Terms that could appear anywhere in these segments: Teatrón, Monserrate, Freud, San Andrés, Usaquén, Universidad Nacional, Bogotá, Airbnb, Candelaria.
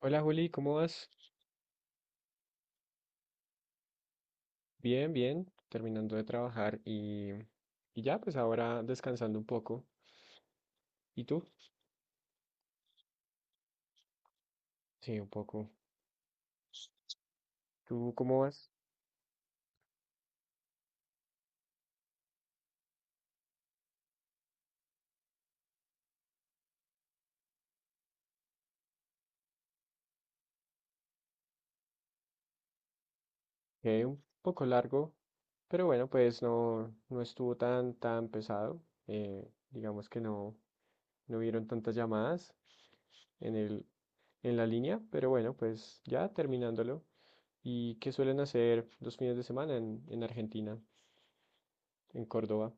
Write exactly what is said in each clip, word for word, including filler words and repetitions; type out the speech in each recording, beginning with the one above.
Hola Juli, ¿cómo vas? Bien, bien, terminando de trabajar y, y ya, pues ahora descansando un poco. ¿Y tú? Sí, un poco. ¿Tú cómo vas? Eh, un poco largo, pero bueno, pues no, no estuvo tan, tan pesado. Eh, digamos que no, no hubieron tantas llamadas en el, en la línea, pero bueno, pues ya terminándolo. ¿Y qué suelen hacer los fines de semana en, en Argentina, en Córdoba?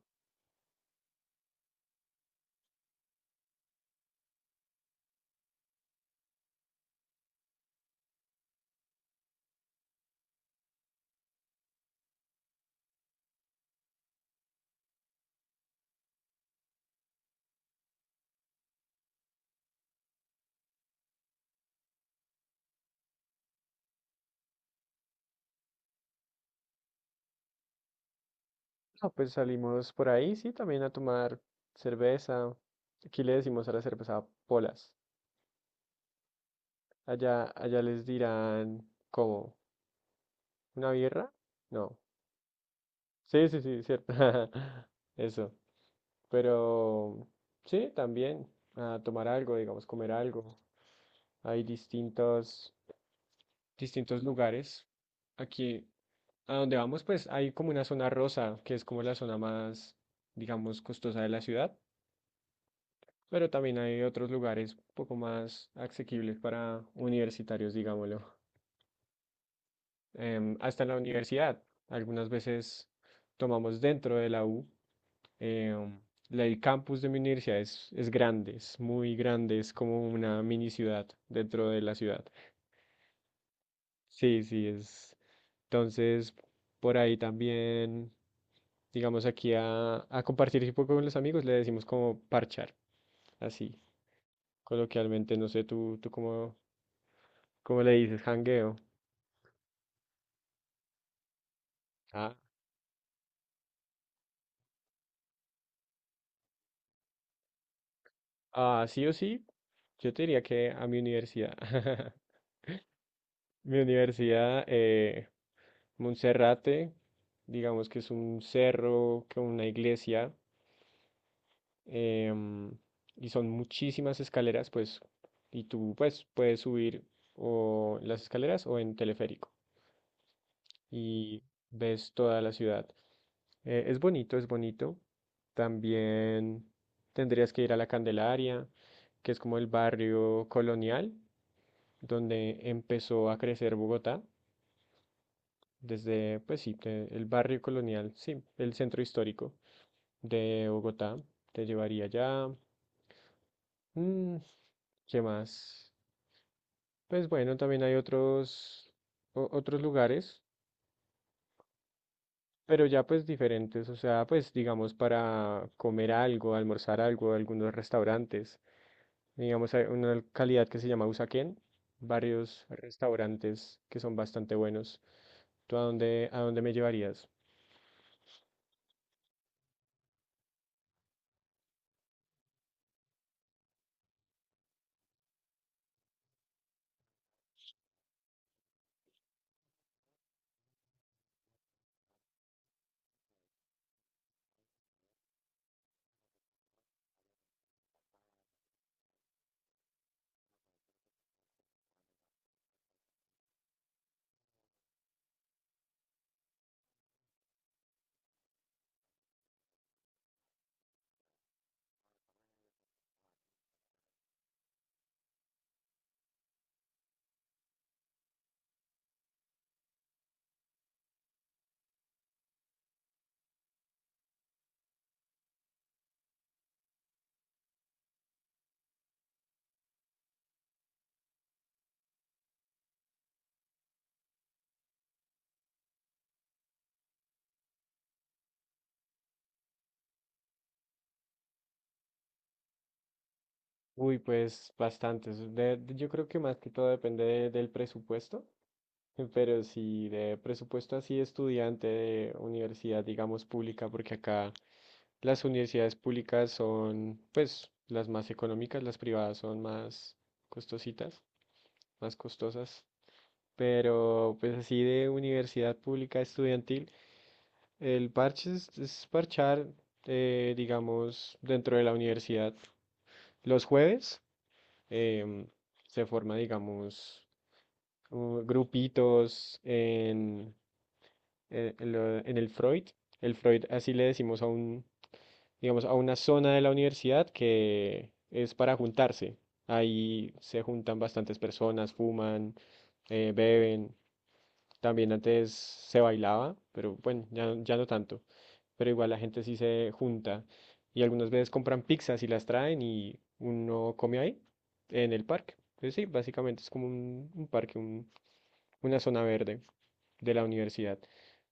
No, pues salimos por ahí, sí, también a tomar cerveza. Aquí le decimos a la cerveza polas. Allá, allá les dirán, ¿cómo? ¿Una birra? No. Sí, sí, sí, cierto. Eso. Pero sí, también a tomar algo, digamos, comer algo. Hay distintos, Distintos lugares. Aquí, a donde vamos, pues hay como una zona rosa, que es como la zona más, digamos, costosa de la ciudad. Pero también hay otros lugares un poco más asequibles para universitarios, digámoslo. Em, hasta en la universidad, algunas veces tomamos dentro de la U. em, la- el campus de mi universidad es, es grande, es muy grande, es como una mini ciudad dentro de la ciudad. Sí, sí, es. Entonces, por ahí también, digamos, aquí a, a compartir un poco con los amigos, le decimos como parchar, así, coloquialmente, no sé, tú, tú cómo, cómo le dices, jangueo. Ah, ah, sí o sí, yo te diría que a mi universidad. Mi universidad, eh, Monserrate, digamos que es un cerro con una iglesia em, y son muchísimas escaleras, pues, y tú pues puedes subir o en las escaleras o en teleférico y ves toda la ciudad. Eh, es bonito, es bonito. También tendrías que ir a la Candelaria, que es como el barrio colonial, donde empezó a crecer Bogotá, desde, pues sí, el barrio colonial, sí, el centro histórico de Bogotá, te llevaría allá. Mm, ¿qué más? Pues bueno, también hay otros, o- otros lugares, pero ya pues diferentes, o sea, pues digamos para comer algo, almorzar algo, algunos restaurantes, digamos hay una localidad que se llama Usaquén, varios restaurantes que son bastante buenos. ¿Tú a dónde, a dónde me llevarías? Uy, pues bastantes. De- de- yo creo que más que todo depende de- del presupuesto, pero si de presupuesto así estudiante de universidad, digamos, pública, porque acá las universidades públicas son, pues, las más económicas, las privadas son más costositas, más costosas, pero pues así de universidad pública estudiantil, el parche es, es parchar, eh, digamos, dentro de la universidad. Los jueves. em, Se forma, digamos, u- grupitos en, en en, lo- en el Freud. El Freud, así le decimos a un, digamos, a una zona de la universidad que es para juntarse. Ahí se juntan bastantes personas, fuman, eh, beben. También antes se bailaba, pero bueno, ya, ya no tanto. Pero igual la gente sí se junta y algunas veces compran pizzas y las traen y uno come ahí, en el parque. Entonces sí, básicamente es como un, un parque, un- una zona verde de la universidad.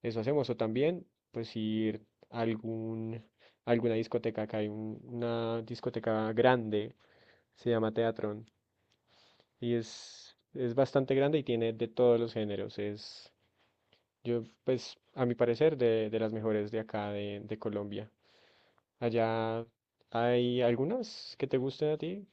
Eso hacemos o también, pues ir a algún, alguna discoteca. Acá hay un- una discoteca grande, se llama Teatrón y es, es bastante grande y tiene de todos los géneros. Es yo, pues, a mi parecer, de, de las mejores de acá, de, de Colombia. Allá hay algunas que te gusten a ti.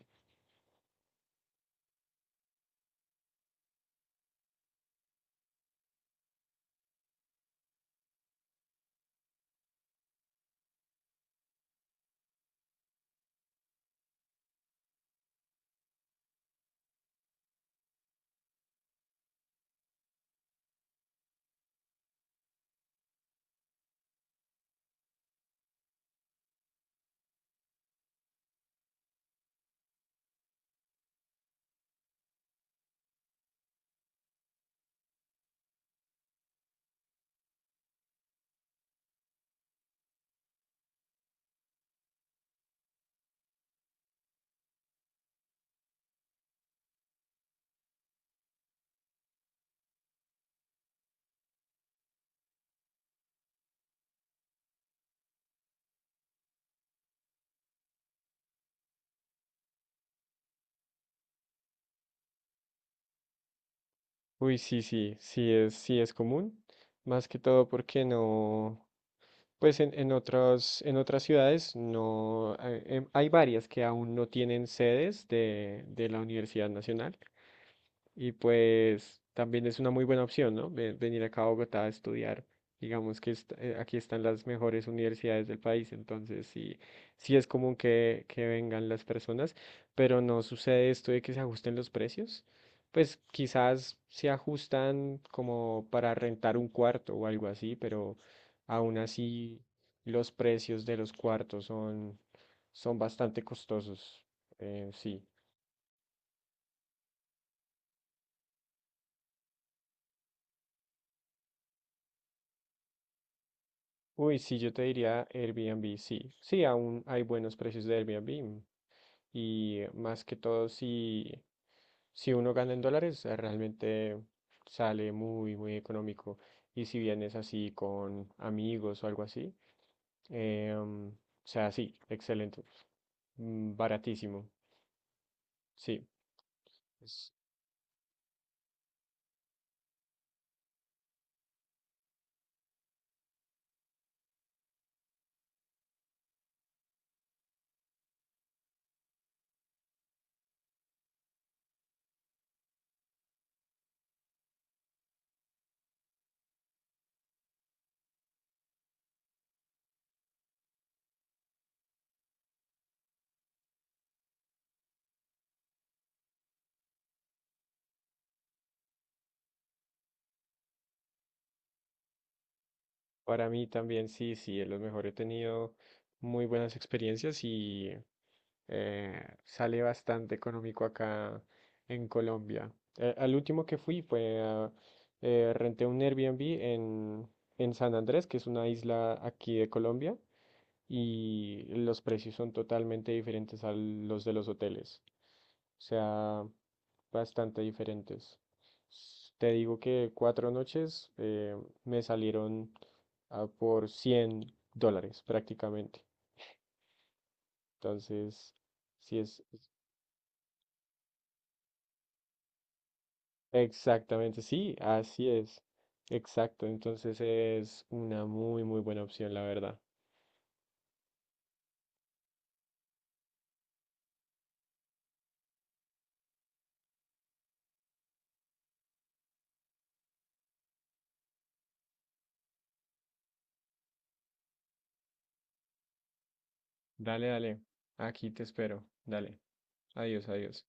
Uy, sí, sí, sí es, sí es común. Más que todo porque no, pues en, en otras, en otras ciudades no, hay, em, hay varias que aún no tienen sedes de, de la Universidad Nacional. Y pues también es una muy buena opción, ¿no? Ve- Venir acá a Bogotá a estudiar. Digamos que est- eh, aquí están las mejores universidades del país, entonces sí, sí es común que, que vengan las personas, pero no sucede esto de que se ajusten los precios. Pues quizás se ajustan como para rentar un cuarto o algo así, pero aún así los precios de los cuartos son, son bastante costosos. Eh, sí. Uy, sí, yo te diría Airbnb, sí. Sí, aún hay buenos precios de Airbnb. Y más que todo, si, si uno gana en dólares, eh, realmente sale muy, muy económico. Y si vienes así con amigos o algo así, em, o sea, sí, excelente. Mm, baratísimo, sí. Es- Para mí también, sí, sí, es lo mejor. He tenido muy buenas experiencias y. Eh, sale bastante económico acá en Colombia. Eh, al último que fui fue a, eh, renté un Airbnb en, en San Andrés, que es una isla aquí de Colombia, y los precios son totalmente diferentes a los de los hoteles. O sea, bastante diferentes. S- Te digo que cuatro noches eh, me salieron ah, por cien dólares prácticamente. Entonces, sí es, exactamente, sí, así es. Exacto, entonces es una muy, muy buena opción, la verdad. Dale, dale, aquí te espero. Dale, adiós, adiós.